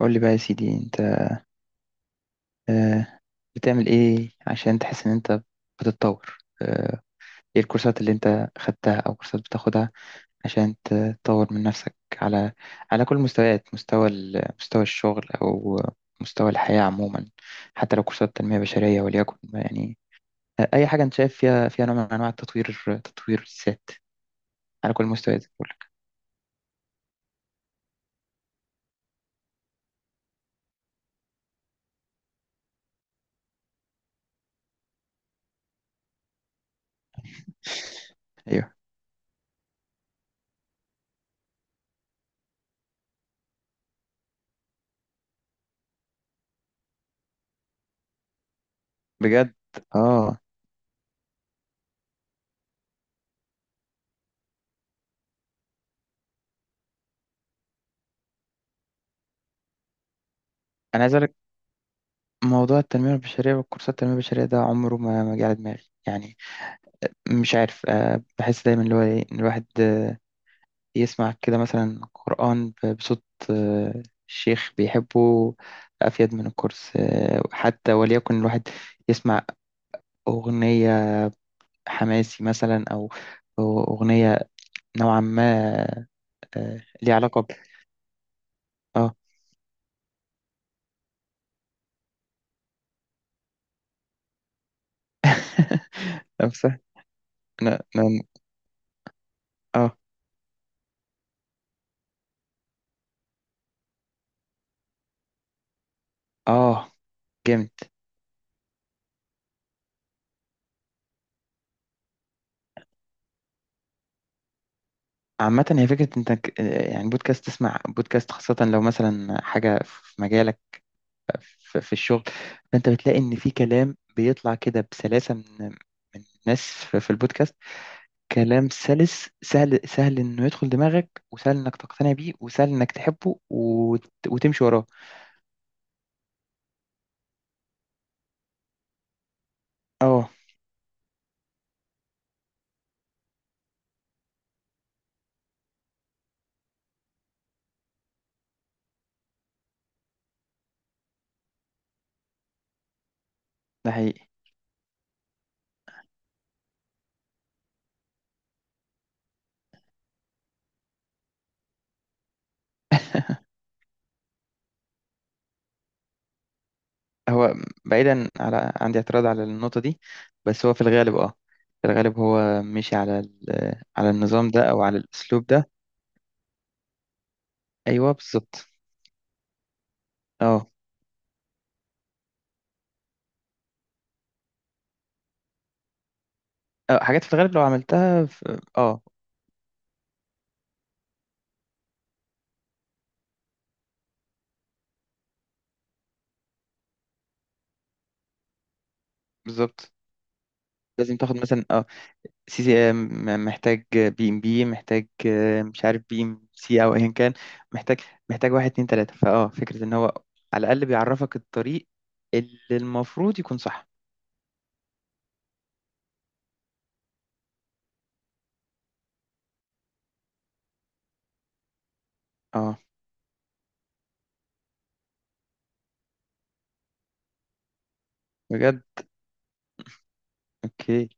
قول لي بقى يا سيدي انت، آه، بتعمل ايه عشان تحس ان انت بتتطور؟ ايه الكورسات اللي انت خدتها او كورسات بتاخدها عشان تطور من نفسك على كل المستويات، مستوى مستوى الشغل او مستوى الحياة عموما، حتى لو كورسات تنمية بشرية وليكن يعني. اي حاجة انت شايف فيها نوع من انواع التطوير، تطوير الذات على كل المستويات بقول لك. ايوه، بجد. اه، انا عايز اقول موضوع التنمية البشرية والكورسات التنمية البشرية ده عمره ما جه على دماغي يعني. مش عارف، بحس دايما اللي هو إيه، إن الواحد يسمع كده مثلا قرآن بصوت شيخ بيحبه، أفيد من الكورس. حتى وليكن الواحد يسمع أغنية حماسي مثلا، أو أغنية نوعا ما ليها علاقة ب... اه. أمسح. أنا أنا- اه. اه، جامد. عامة هي فكرة انت يعني بودكاست، تسمع بودكاست خاصة لو مثلا حاجة في مجالك، في الشغل، فانت بتلاقي ان في كلام بيطلع كده بسلاسة من الناس في البودكاست. كلام سلس، سهل انه يدخل دماغك، وسهل انك تقتنع بيه، وسهل انك تحبه وتمشي وراه. اه، ده حقيقي. هو بعيدا، على عندي اعتراض على النقطة دي، بس هو في الغالب اه، في الغالب هو مشي على على النظام ده او على الاسلوب ده. ايوه، بالظبط. اه، اه، حاجات في الغالب لو عملتها في... اه. بالظبط، لازم تاخد مثلا اه سي سي ام، محتاج بي ام بي، محتاج، مش عارف، بي ام سي او ايا كان. محتاج، محتاج واحد اتنين تلاتة، فاه فكرة ان هو على الأقل بيعرفك الطريق اللي المفروض يكون صح. اه، بجد. اوكي.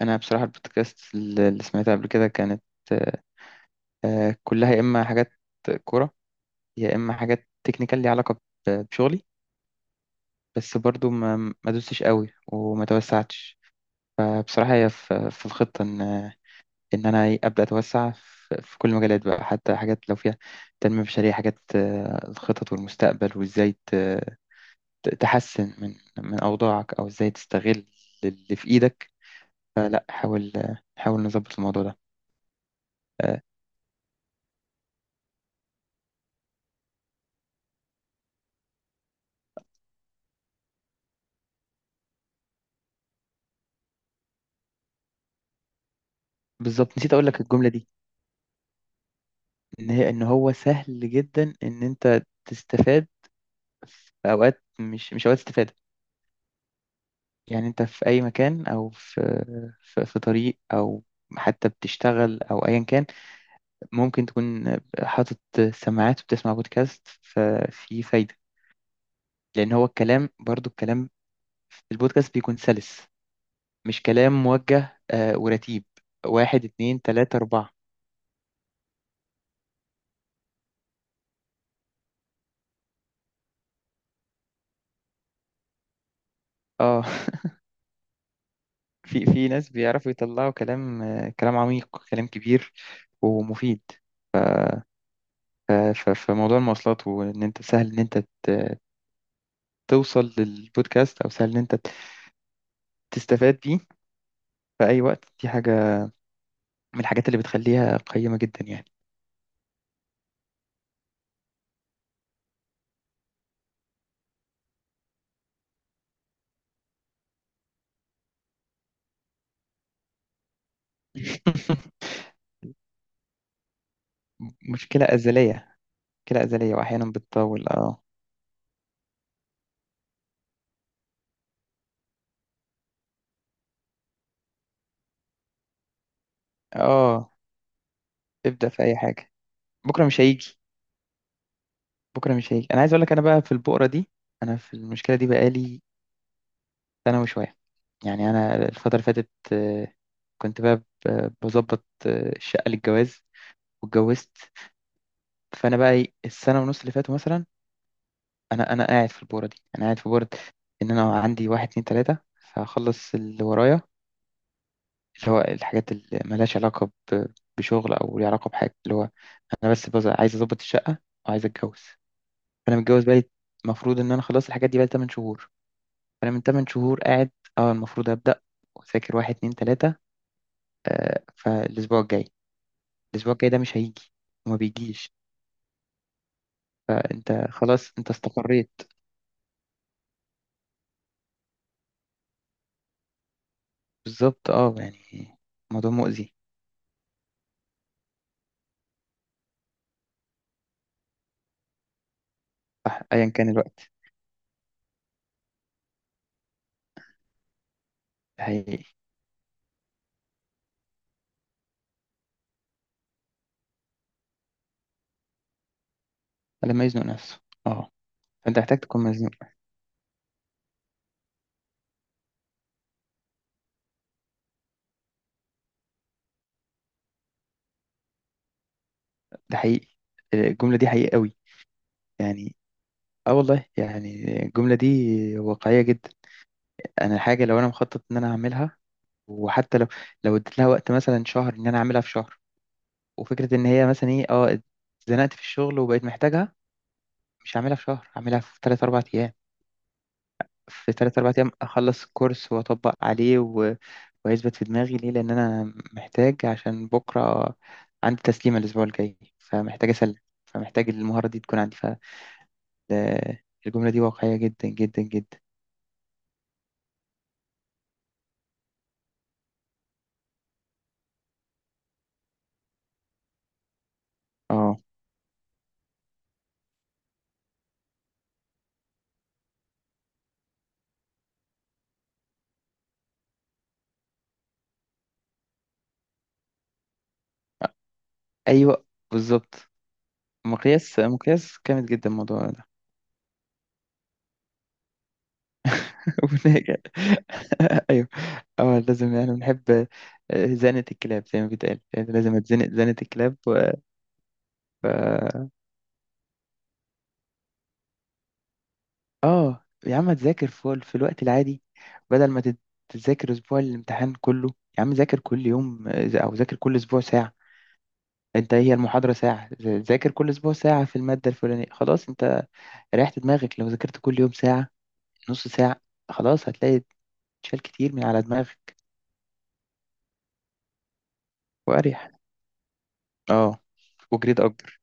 انا بصراحة البودكاست اللي سمعتها قبل كده كانت آه، كلها يا اما حاجات كورة، يا اما حاجات تكنيكال ليها علاقة بشغلي. بس برضو ما دوستش قوي وما توسعتش. فبصراحة هي في الخطة إن إن أنا إيه، أبدأ أتوسع في كل المجالات بقى، حتى حاجات لو فيها تنمية بشرية، حاجات الخطط والمستقبل وإزاي تحسن من أوضاعك، أو إزاي تستغل اللي في إيدك. لا، حاول، حاول نظبط الموضوع ده. آه، بالظبط، نسيت أقول لك الجملة دي، إن هي إن هو سهل جدا إن أنت تستفاد في أوقات مش أوقات استفادة. يعني أنت في أي مكان، أو في في طريق، أو حتى بتشتغل أو أيا كان، ممكن تكون حاطط سماعات وبتسمع بودكاست، ففي فايدة. لأن هو الكلام، برضو في البودكاست بيكون سلس، مش كلام موجه ورتيب. واحد اتنين تلاتة أربعة. اه. في ناس بيعرفوا يطلعوا كلام، كلام عميق، كلام كبير ومفيد. فموضوع المواصلات، وإن أنت سهل إن أنت توصل للبودكاست، أو سهل إن أنت تستفاد بيه في أي وقت، دي حاجة من الحاجات اللي بتخليها قيمة جدا يعني. مشكلة أزلية. مشكلة أزلية، وأحيانا بتطول. اه. اه، ابدأ في أي حاجة. بكرة مش هيجي، بكرة مش هيجي. أنا عايز أقول لك أنا بقى في البؤرة دي، أنا في المشكلة دي بقالي سنة وشوية يعني. أنا الفترة اللي فاتت كنت بقى بظبط الشقة للجواز واتجوزت. فأنا بقى إيه، السنة ونص اللي فاتوا مثلا، أنا قاعد في البؤرة دي، أنا قاعد في بؤرة إن أنا عندي واحد اتنين تلاتة هخلص اللي ورايا، اللي هو الحاجات اللي ملهاش علاقة بشغل، أو ليها علاقة بحاجة اللي هو أنا بس عايز أظبط الشقة وعايز أتجوز. فأنا متجوز بقالي، المفروض إن أنا خلاص الحاجات دي بقالي 8 شهور. فأنا من 8 شهور قاعد، أه المفروض أبدأ وأذاكر واحد اتنين تلاتة. آه، فالأسبوع الجاي، الأسبوع الجاي ده مش هيجي، وما بيجيش. فأنت خلاص، أنت استقريت. بالظبط، أه يعني موضوع مؤذي. صح، أيا كان الوقت. ده حقيقي. لما يزنق نفسه، أه. فأنت محتاج تكون مزنوق. ده حقيقي، الجملة دي حقيقية قوي. يعني اه، والله يعني الجملة دي واقعية جدا. انا حاجة لو انا مخطط ان انا اعملها، وحتى لو اديت لها وقت مثلا شهر، ان انا اعملها في شهر، وفكرة ان هي مثلا ايه اه اتزنقت في الشغل وبقيت محتاجها، مش هعملها في شهر، هعملها في 3 4 ايام. في 3 4 ايام اخلص الكورس واطبق عليه، و... ويثبت في دماغي ليه؟ لان انا محتاج، عشان بكرة عندي تسليمة الاسبوع الجاي، فمحتاج اسلم، فمحتاج المهارة دي تكون عندي. فالجملة دي واقعية جدا جدا جدا. اه. ايوه بالظبط. مقياس جامد جدا الموضوع ده. وناجح. ايوه. اه، لازم يعني بنحب زنة الكلاب زي ما بيتقال، يعني لازم اتزنق زنة الكلاب، و... ف... اه، يا عم تذاكر في الوقت العادي، بدل ما تذاكر اسبوع الامتحان كله. يا عم ذاكر كل يوم، او ذاكر كل اسبوع ساعة. انت إيه هي المحاضرة؟ ساعة. ذاكر كل اسبوع ساعة في المادة الفلانية، خلاص انت ريحت دماغك. لو ذاكرت كل يوم ساعة، نص ساعة، خلاص هتلاقي شال كتير من على دماغك. وأريح، اه، وجريد أكبر.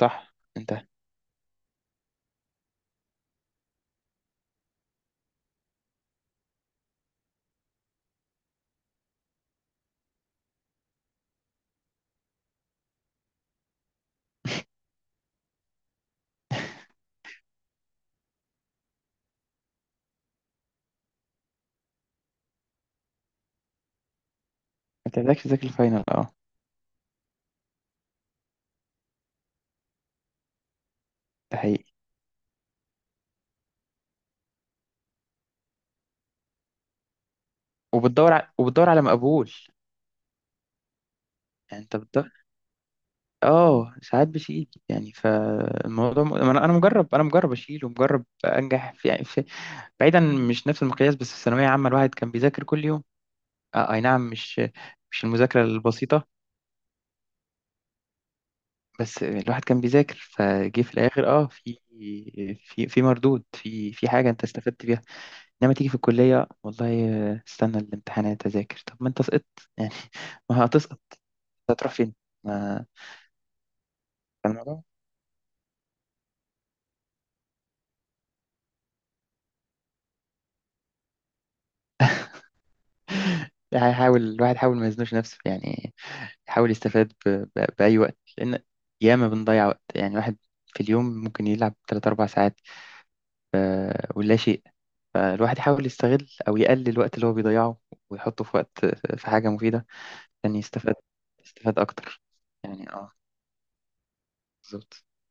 صح، انت ما بتحتاجش تذاكر الفاينل، اه. ده حقيقي. وبتدور ع... وبتدور على مقبول. يعني انت بتدور، اه ساعات بشيل، يعني فالموضوع م... أنا مجرب، انا مجرب اشيل ومجرب انجح في... يعني في... بعيدا، مش نفس المقياس، بس في ثانوية عامة الواحد كان بيذاكر كل يوم، آه، اي نعم، مش المذاكرة البسيطة. بس الواحد كان بيذاكر فجه، في الاخر اه في في مردود، في حاجة انت استفدت بيها. انما تيجي في الكليه، والله استنى الامتحانات اذاكر، طب ما انت سقطت يعني. ما هتسقط؟ هتروح فين؟ ما الموضوع، هيحاول الواحد، يحاول ما يزنوش نفسه يعني، يحاول يستفاد ب... ب... باي وقت. لان ياما بنضيع وقت، يعني الواحد في اليوم ممكن يلعب 3 4 ساعات، ولا شيء. فالواحد يحاول يستغل او يقلل الوقت اللي هو بيضيعه، ويحطه في وقت، في حاجه مفيده، عشان يستفاد، يستفاد اكتر يعني. اه، بالظبط.